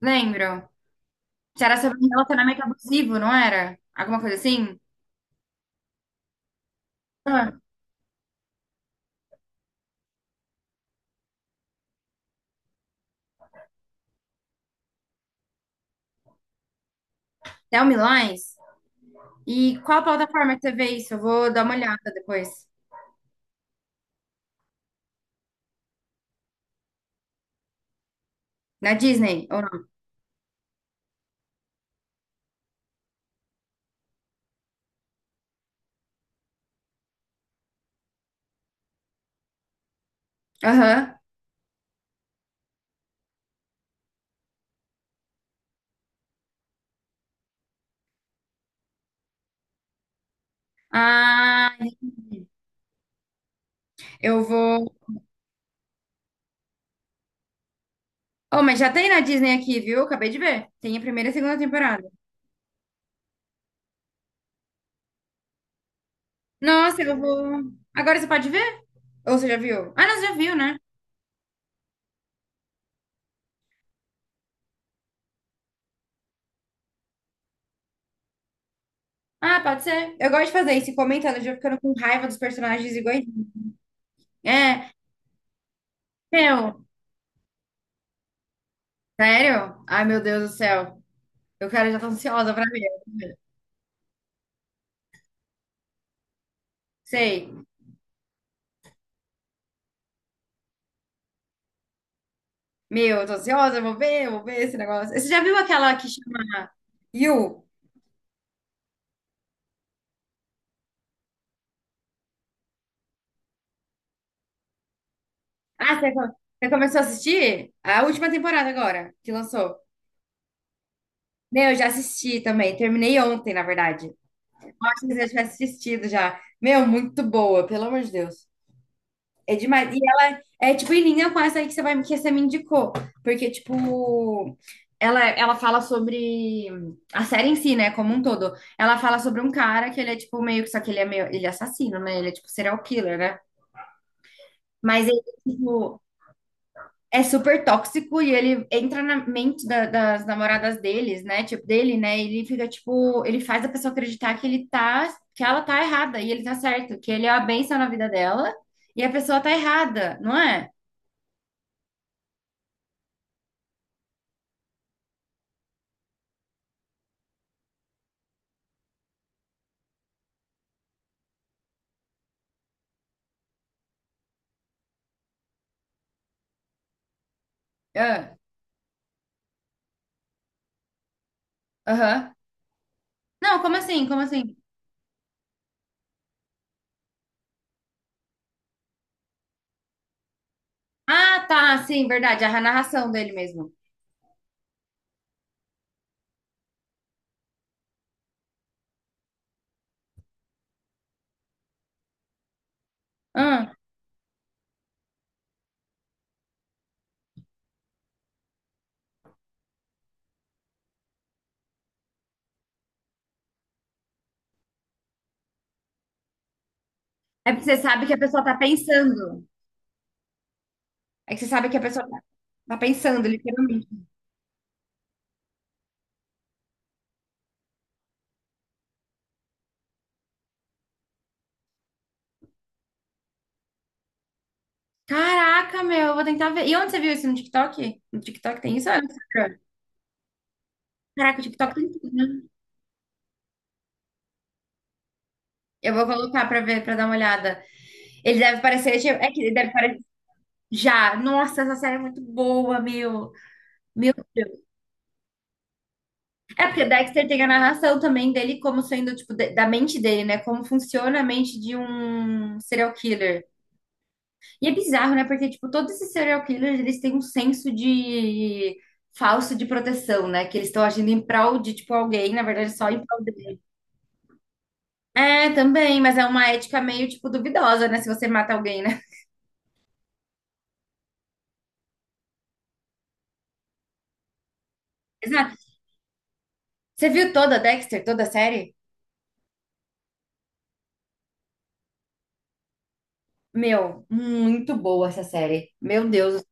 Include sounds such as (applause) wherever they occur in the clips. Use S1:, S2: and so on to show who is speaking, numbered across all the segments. S1: Lembro. Era sobre um relacionamento abusivo, não era? Alguma coisa assim? Ah, Tell Me Lies. E qual plataforma que você vê isso? Eu vou dar uma olhada depois. Na Disney, ou não? Aham. Ah, eu vou. Oh, mas já tem na Disney aqui, viu? Acabei de ver. Tem a primeira e a segunda temporada. Nossa, eu vou. Agora você pode ver? Ou você já viu? Ah, não, você já viu, né? Ah, pode ser. Eu gosto de fazer isso, ir comentando, já ficando com raiva dos personagens iguais. É, meu. Sério? Ai, meu Deus do céu. Eu, cara, já tô ansiosa pra ver. Sei. Meu, eu tô ansiosa, eu vou ver esse negócio. Você já viu aquela que chama You? Ah, você começou a assistir? A última temporada agora, que lançou. Meu, eu já assisti também. Terminei ontem, na verdade. Eu acho que você já tivesse assistido já. Meu, muito boa, pelo amor de Deus. É demais. É tipo em linha com essa aí que você vai que você me indicou, porque tipo ela fala sobre a série em si, né, como um todo. Ela fala sobre um cara que ele é tipo meio que só que ele é meio ele é assassino, né? Ele é tipo serial killer, né? Mas ele tipo é super tóxico e ele entra na mente das namoradas deles, né? Tipo dele, né? Ele fica tipo ele faz a pessoa acreditar que ele tá que ela tá errada e ele tá certo, que ele é a bênção na vida dela e a pessoa tá errada, não é? Ah, aham. Não, como assim? Como assim? Ah, tá, sim, verdade. A narração dele mesmo. Ah, é porque você sabe que a pessoa tá pensando. É que você sabe que tá pensando, literalmente. Caraca, meu, eu vou tentar ver. E onde você viu isso? No TikTok? No TikTok tem isso? Ou é no Instagram? Caraca, o TikTok tem tudo, né? Eu vou colocar pra ver, pra dar uma olhada. Ele deve parecer. Tipo, É que ele deve parecer. Já. Nossa, essa série é muito boa, meu. Meu, é porque Dexter tem a narração também dele como sendo, tipo, da mente dele, né? Como funciona a mente de um serial killer. E é bizarro, né? Porque, tipo, todos esses serial killers, eles têm um senso de falso de proteção, né? Que eles estão agindo em prol de, tipo, alguém, na verdade, só em prol dele. É, também, mas é uma ética meio, tipo, duvidosa, né? Se você mata alguém, né? (laughs) Exato. Você viu toda Dexter, toda a série? Meu, muito boa essa série. Meu Deus.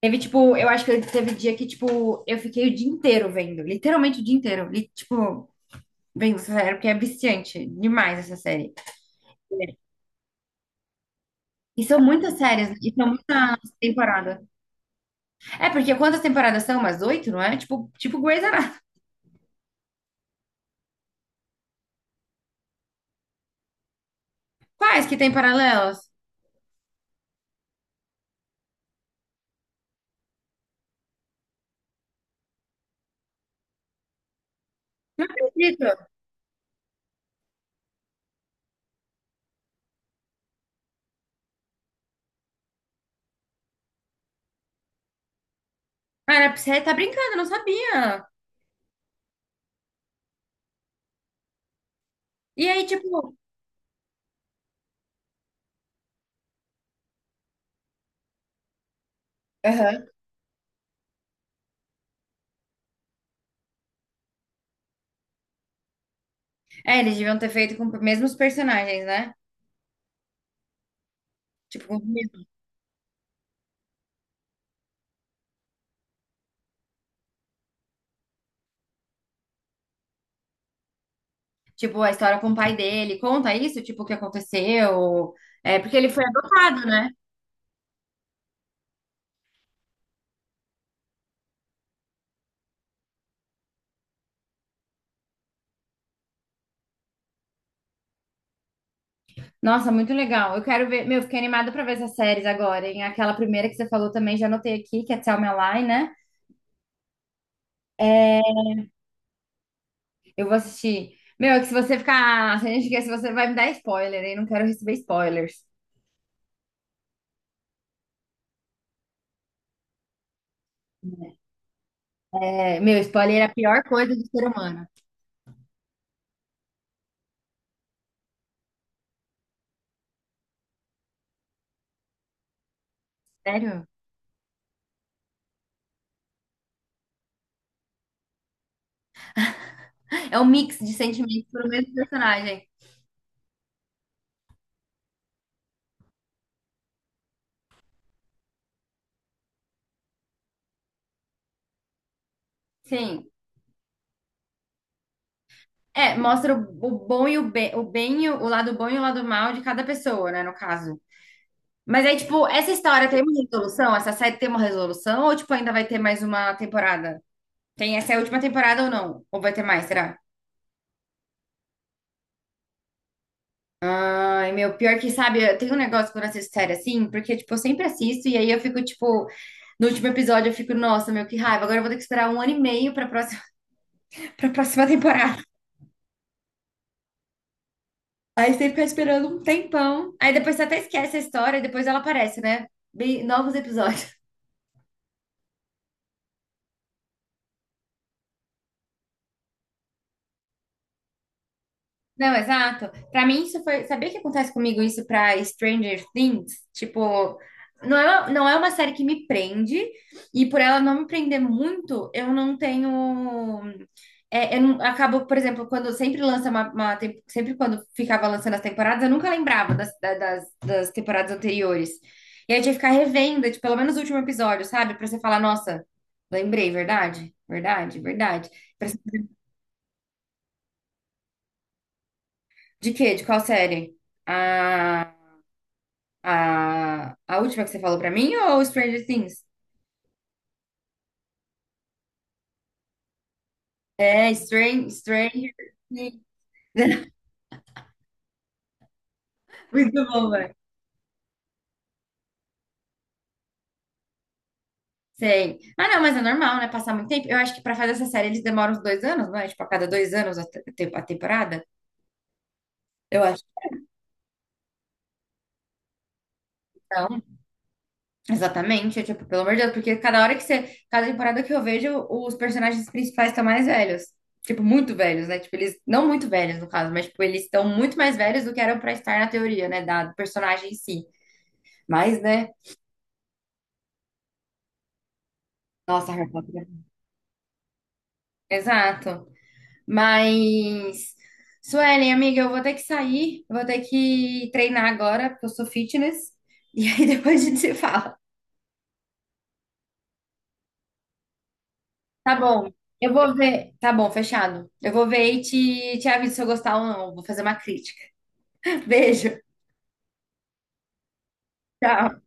S1: Teve, tipo, eu acho que teve dia que, tipo, eu fiquei o dia inteiro vendo. Literalmente o dia inteiro. Tipo, vendo essa série, porque é viciante demais essa série. E são muitas séries, e são muitas temporadas. É, porque quantas temporadas são? Umas oito, não é? Tipo Grey's Anatomy. Quais que tem paralelos? Acredito. Cara, você tá brincando, eu não sabia. E aí, tipo. Aham. É, eles deviam ter feito com os mesmos personagens, né? Tipo, com os tipo, a história com o pai dele. Conta isso, tipo, o que aconteceu. É, porque ele foi adotado, né? Nossa, muito legal. Eu quero ver. Meu, fiquei animada pra ver essas séries agora, hein? Aquela primeira que você falou também, já anotei aqui, que é Tell Me a Lie, né? É, eu vou assistir. Meu, é que se você ficar. Se a gente quer, se você vai me dar spoiler, hein? Não quero receber spoilers. É, meu, spoiler é a pior coisa do ser humano. Sério? É um mix de sentimentos pro mesmo personagem. Sim. É, mostra o bom e o bem, e o lado bom e o lado mal de cada pessoa, né? No caso. Mas aí, tipo, essa história tem uma resolução? Essa série tem uma resolução? Ou, tipo, ainda vai ter mais uma temporada? Tem essa é a última temporada ou não? Ou vai ter mais, será? Ai, meu, pior que, sabe, eu tenho um negócio quando eu assisto série assim, porque, tipo, eu sempre assisto e aí eu fico, tipo, no último episódio eu fico, nossa, meu, que raiva, agora eu vou ter que esperar um ano e meio pra próxima, (laughs) pra próxima temporada. Aí você tem que ficar esperando um tempão. Aí depois você até esquece a história e depois ela aparece, né? Bem, novos episódios. Não, exato. Pra mim isso foi, sabia que acontece comigo isso pra Stranger Things? Tipo, não é uma série que me prende e por ela não me prender muito, eu não tenho, é, eu não, acabo, por exemplo, quando sempre lança sempre quando ficava lançando as temporadas, eu nunca lembrava das temporadas anteriores. E aí eu tinha que ficar revendo, tipo, pelo menos o último episódio, sabe? Pra você falar, nossa, lembrei, verdade? Verdade. Pra você- De quê? De qual série? Ah, a última que você falou pra mim ou Stranger Things? É, Stranger Things. Muito bom, velho. Sei. Ah, não, mas é normal, né? Passar muito tempo. Eu acho que pra fazer essa série eles demoram uns 2 anos, não é? Tipo, a cada 2 anos a temporada. Eu acho que não. Exatamente. É, tipo, pelo amor de Deus, porque cada hora que você. Cada temporada que eu vejo, os personagens principais estão mais velhos. Tipo, muito velhos, né? Tipo, eles. Não muito velhos, no caso, mas, tipo, eles estão muito mais velhos do que eram pra estar na teoria, né? Da do personagem em si. Mas, né? Nossa, Harry Potter. Exato. Mas, Suelen, amiga, eu vou ter que sair, vou ter que treinar agora, porque eu sou fitness. E aí (laughs) depois a gente se fala. Tá bom. Eu vou ver. Tá bom, fechado. Eu vou ver e te aviso se eu gostar ou não. Vou fazer uma crítica. (laughs) Beijo. Tchau.